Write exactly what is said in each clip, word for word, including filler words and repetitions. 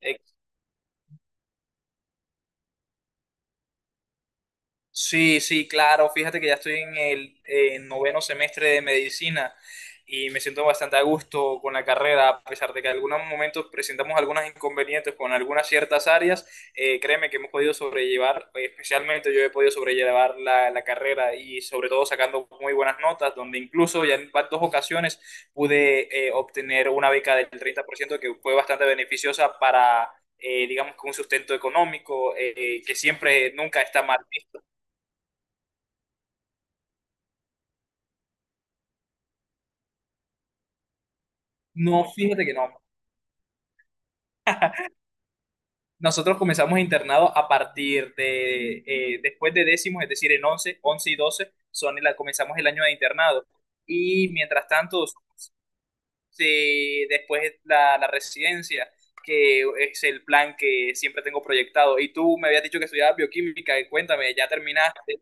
Eh, Sí, sí, claro. Fíjate que ya estoy en el eh, noveno semestre de medicina y me siento bastante a gusto con la carrera, a pesar de que en algunos momentos presentamos algunos inconvenientes con algunas ciertas áreas. Eh, créeme que hemos podido sobrellevar, eh, especialmente yo he podido sobrellevar la, la carrera, y sobre todo sacando muy buenas notas, donde incluso ya en dos ocasiones pude eh, obtener una beca del treinta por ciento que fue bastante beneficiosa para eh, digamos que un sustento económico, eh, que siempre nunca está mal. No, fíjate que no. Nosotros comenzamos internado a partir de, eh, después de décimos, es decir, en once once y doce son la, comenzamos el año de internado. Y mientras tanto, se- después la, la residencia, que es el plan que siempre tengo proyectado. Y tú me habías dicho que estudiabas bioquímica, y cuéntame, ¿ya terminaste?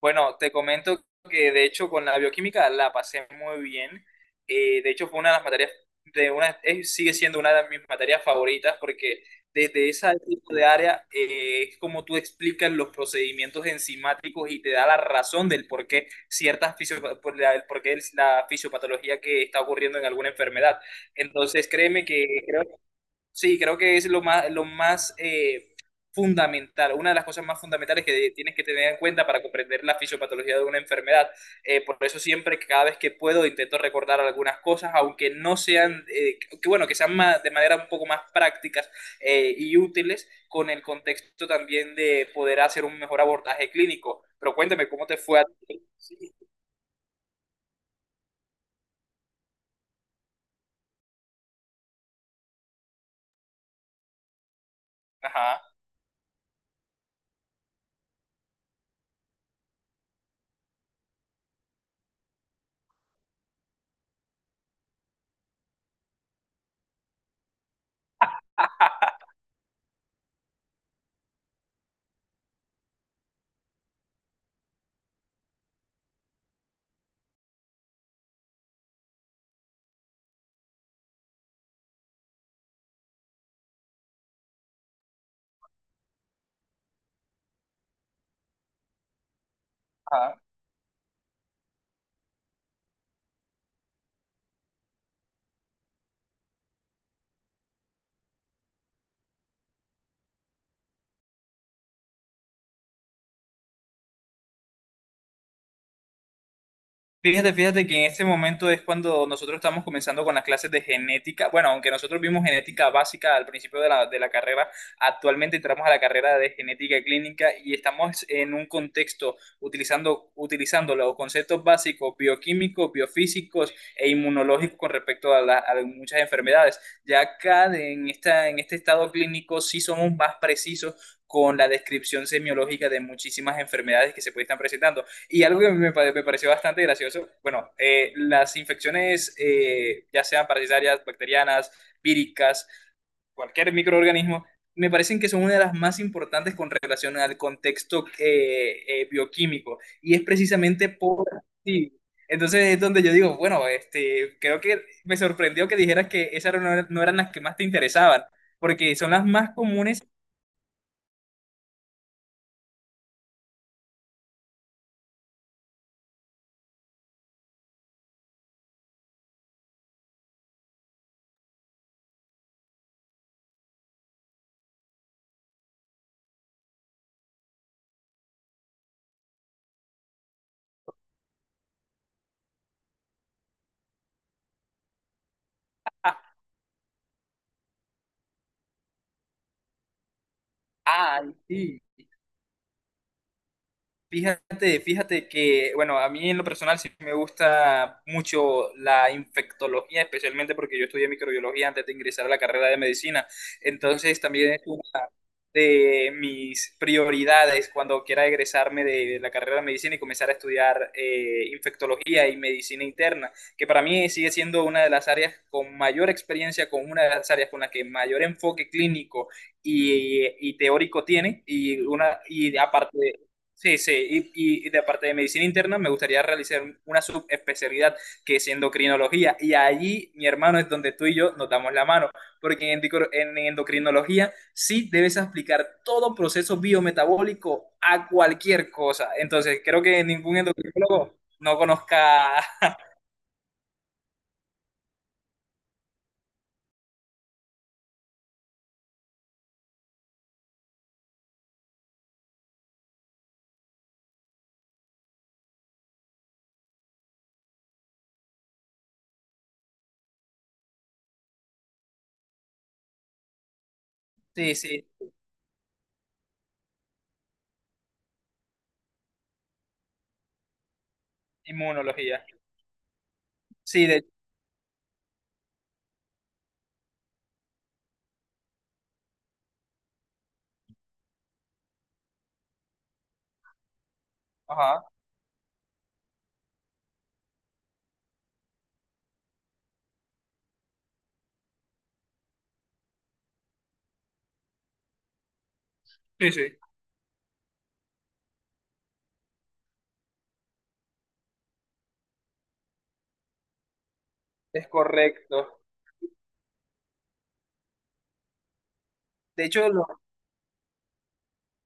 Bueno, te comento que de hecho con la bioquímica la pasé muy bien. Eh, de hecho fue una de las materias, de una, es- sigue siendo una de mis materias favoritas, porque desde ese tipo de área, eh, es como tú explicas los procedimientos enzimáticos y te da la razón del por qué ciertas fisio- por la, el por qué es la fisiopatología que está ocurriendo en alguna enfermedad. Entonces créeme que creo. Sí, creo que es lo más, lo más, eh, fundamental, una de las cosas más fundamentales que tienes que tener en cuenta para comprender la fisiopatología de una enfermedad. Eh, por eso siempre, cada vez que puedo, intento recordar algunas cosas, aunque no sean, eh, que bueno, que sean más- de manera un poco más prácticas, eh, y útiles, con el contexto también de poder hacer un mejor abordaje clínico. Pero cuéntame, ¿cómo te fue a ti? Sí. Ajá, ajá. Fíjate, fíjate que en este momento es cuando nosotros estamos comenzando con las clases de genética. Bueno, aunque nosotros vimos genética básica al principio de la, de la carrera, actualmente entramos a la carrera de genética clínica y estamos en un contexto utilizando, utilizando los conceptos básicos bioquímicos, biofísicos e inmunológicos con respecto a, la- a muchas enfermedades. Ya acá de- en esta, en este estado clínico sí somos más precisos con la descripción semiológica de muchísimas enfermedades que se pueden estar presentando. Y algo que me, pare- me pareció bastante gracioso. Bueno, eh, las infecciones, eh, ya sean parasitarias, bacterianas, víricas, cualquier microorganismo, me parecen que son una de las más importantes con relación al contexto, eh, eh, bioquímico. Y es precisamente por sí. Entonces es donde yo digo, bueno, este, creo que me sorprendió que dijeras que esas no, no eran las que más te interesaban, porque son las más comunes. Ah, ay, sí. Fíjate, fíjate que, bueno, a mí en lo personal sí me gusta mucho la infectología, especialmente porque yo estudié microbiología antes de ingresar a la carrera de medicina. Entonces también es una de mis prioridades cuando quiera egresarme de la carrera de medicina y comenzar a estudiar eh, infectología y medicina interna, que para mí sigue siendo una de las áreas con mayor experiencia, con una de las áreas con la que mayor enfoque clínico y, y teórico tiene, y, una, y aparte. Sí, sí, y, y de parte de medicina interna me gustaría realizar una subespecialidad que es endocrinología, y allí mi hermano es donde tú y yo nos damos la mano, porque en, endocr- en endocrinología sí debes aplicar todo proceso biometabólico a cualquier cosa, entonces creo que ningún endocrinólogo no conozca. Sí, sí, inmunología, sí, de, ajá, sí, sí, es correcto. De hecho, los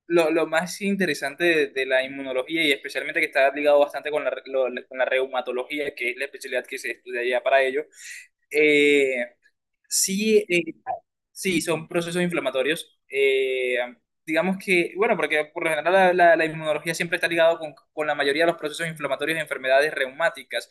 lo, lo más interesante de, de la inmunología, y especialmente que está ligado bastante con la, re- lo- la- con la reumatología, que es la especialidad que se estudia ya para ello, eh, sí, eh, sí, son procesos inflamatorios. Eh, digamos que, bueno, porque por lo general la, la- la inmunología siempre está ligada con, con la mayoría de los procesos inflamatorios de enfermedades reumáticas,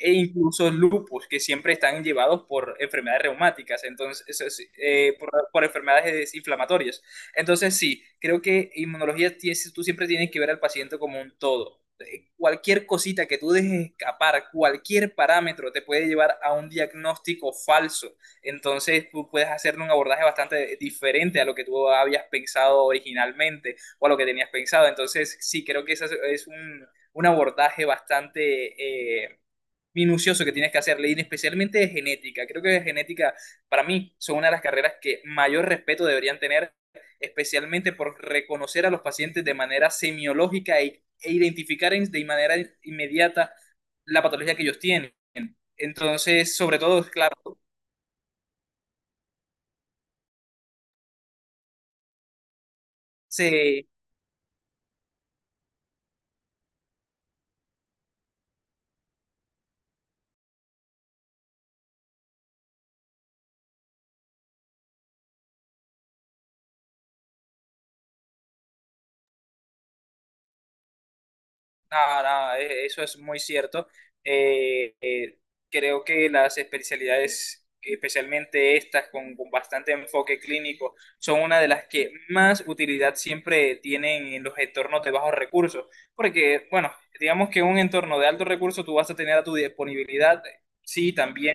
e incluso lupus, que siempre están llevados por enfermedades reumáticas. Entonces, eso es, eh, por, por enfermedades inflamatorias. Entonces, sí, creo que inmunología, tienes- tú siempre tienes que ver al paciente como un todo. Eh, Cualquier cosita que tú dejes escapar, cualquier parámetro te puede llevar a un diagnóstico falso, entonces tú puedes hacer un abordaje bastante diferente a lo que tú habías pensado originalmente, o a lo que tenías pensado. Entonces sí, creo que ese es es un, un abordaje bastante, eh, minucioso, que tienes que hacerle, y especialmente de genética. Creo que de genética, para mí, son una de las carreras que mayor respeto deberían tener, especialmente por reconocer a los pacientes de manera semiológica e, e identificar en- de manera inmediata la patología que ellos tienen. Entonces, sobre todo, claro, se Nada, nada, e- eso es muy cierto. Eh, eh, Creo que las especialidades, especialmente estas con, con bastante enfoque clínico, son una de las que más utilidad siempre tienen en los entornos de bajos recursos. Porque, bueno, digamos que en un entorno de alto recurso tú vas a tener a tu disponibilidad, sí, también.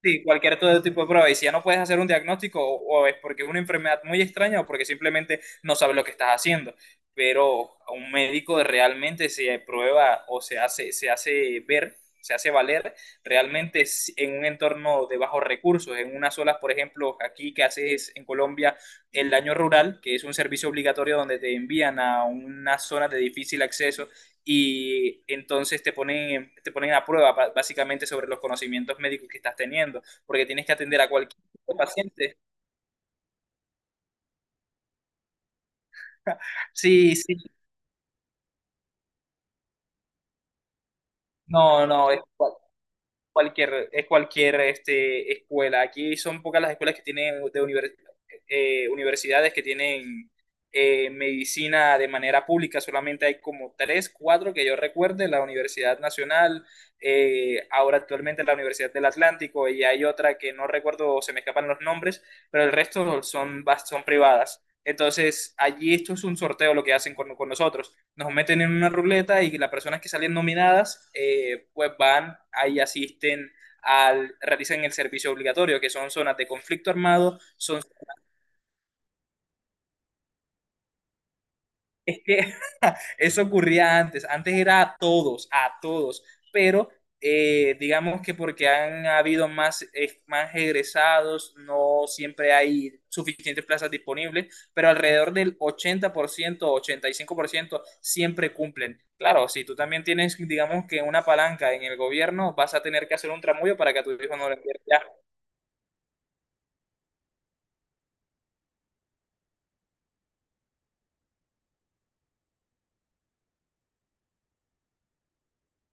Sí, cualquier todo tipo de prueba. Y si ya no puedes hacer un diagnóstico, o, o es porque es una enfermedad muy extraña, o porque simplemente no sabes lo que estás haciendo. Pero a un médico realmente se prueba, o se hace, se hace ver, se hace valer realmente, si- en un entorno de bajos recursos, en unas zonas, por ejemplo, aquí que haces en Colombia el daño rural, que es un servicio obligatorio donde te envían a una zona de difícil acceso, y entonces te ponen, te ponen a prueba básicamente sobre los conocimientos médicos que estás teniendo, porque tienes que atender a cualquier tipo de paciente. Sí, sí, no, no, es, cualquier, es cualquier este, escuela. Aquí son pocas las escuelas que tienen de univers- eh, universidades que tienen eh, medicina de manera pública. Solamente hay como tres, cuatro que yo recuerde: la Universidad Nacional, eh, ahora actualmente la Universidad del Atlántico, y hay otra que no recuerdo, se me escapan los nombres, pero el resto son, bas- son privadas. Entonces, allí esto es un sorteo lo que hacen con, con nosotros, nos meten en una ruleta y las personas que salen nominadas, eh, pues van, ahí asisten, al, realizan el servicio obligatorio, que son zonas de conflicto armado, son. Es que eso ocurría antes, antes era a todos, a todos, pero, eh, digamos que porque han habido más, eh, más egresados, no siempre hay suficientes plazas disponibles, pero alrededor del ochenta ochenta por ciento, ochenta y cinco por ciento siempre cumplen. Claro, si tú también tienes, digamos que una palanca en el gobierno, vas a tener que hacer un tramullo para que a tu hijo no lo pierda.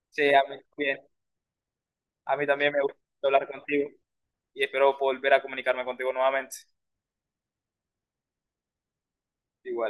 Sí, a mí también, a mí también me gusta hablar contigo, y espero volver a comunicarme contigo nuevamente. Igual.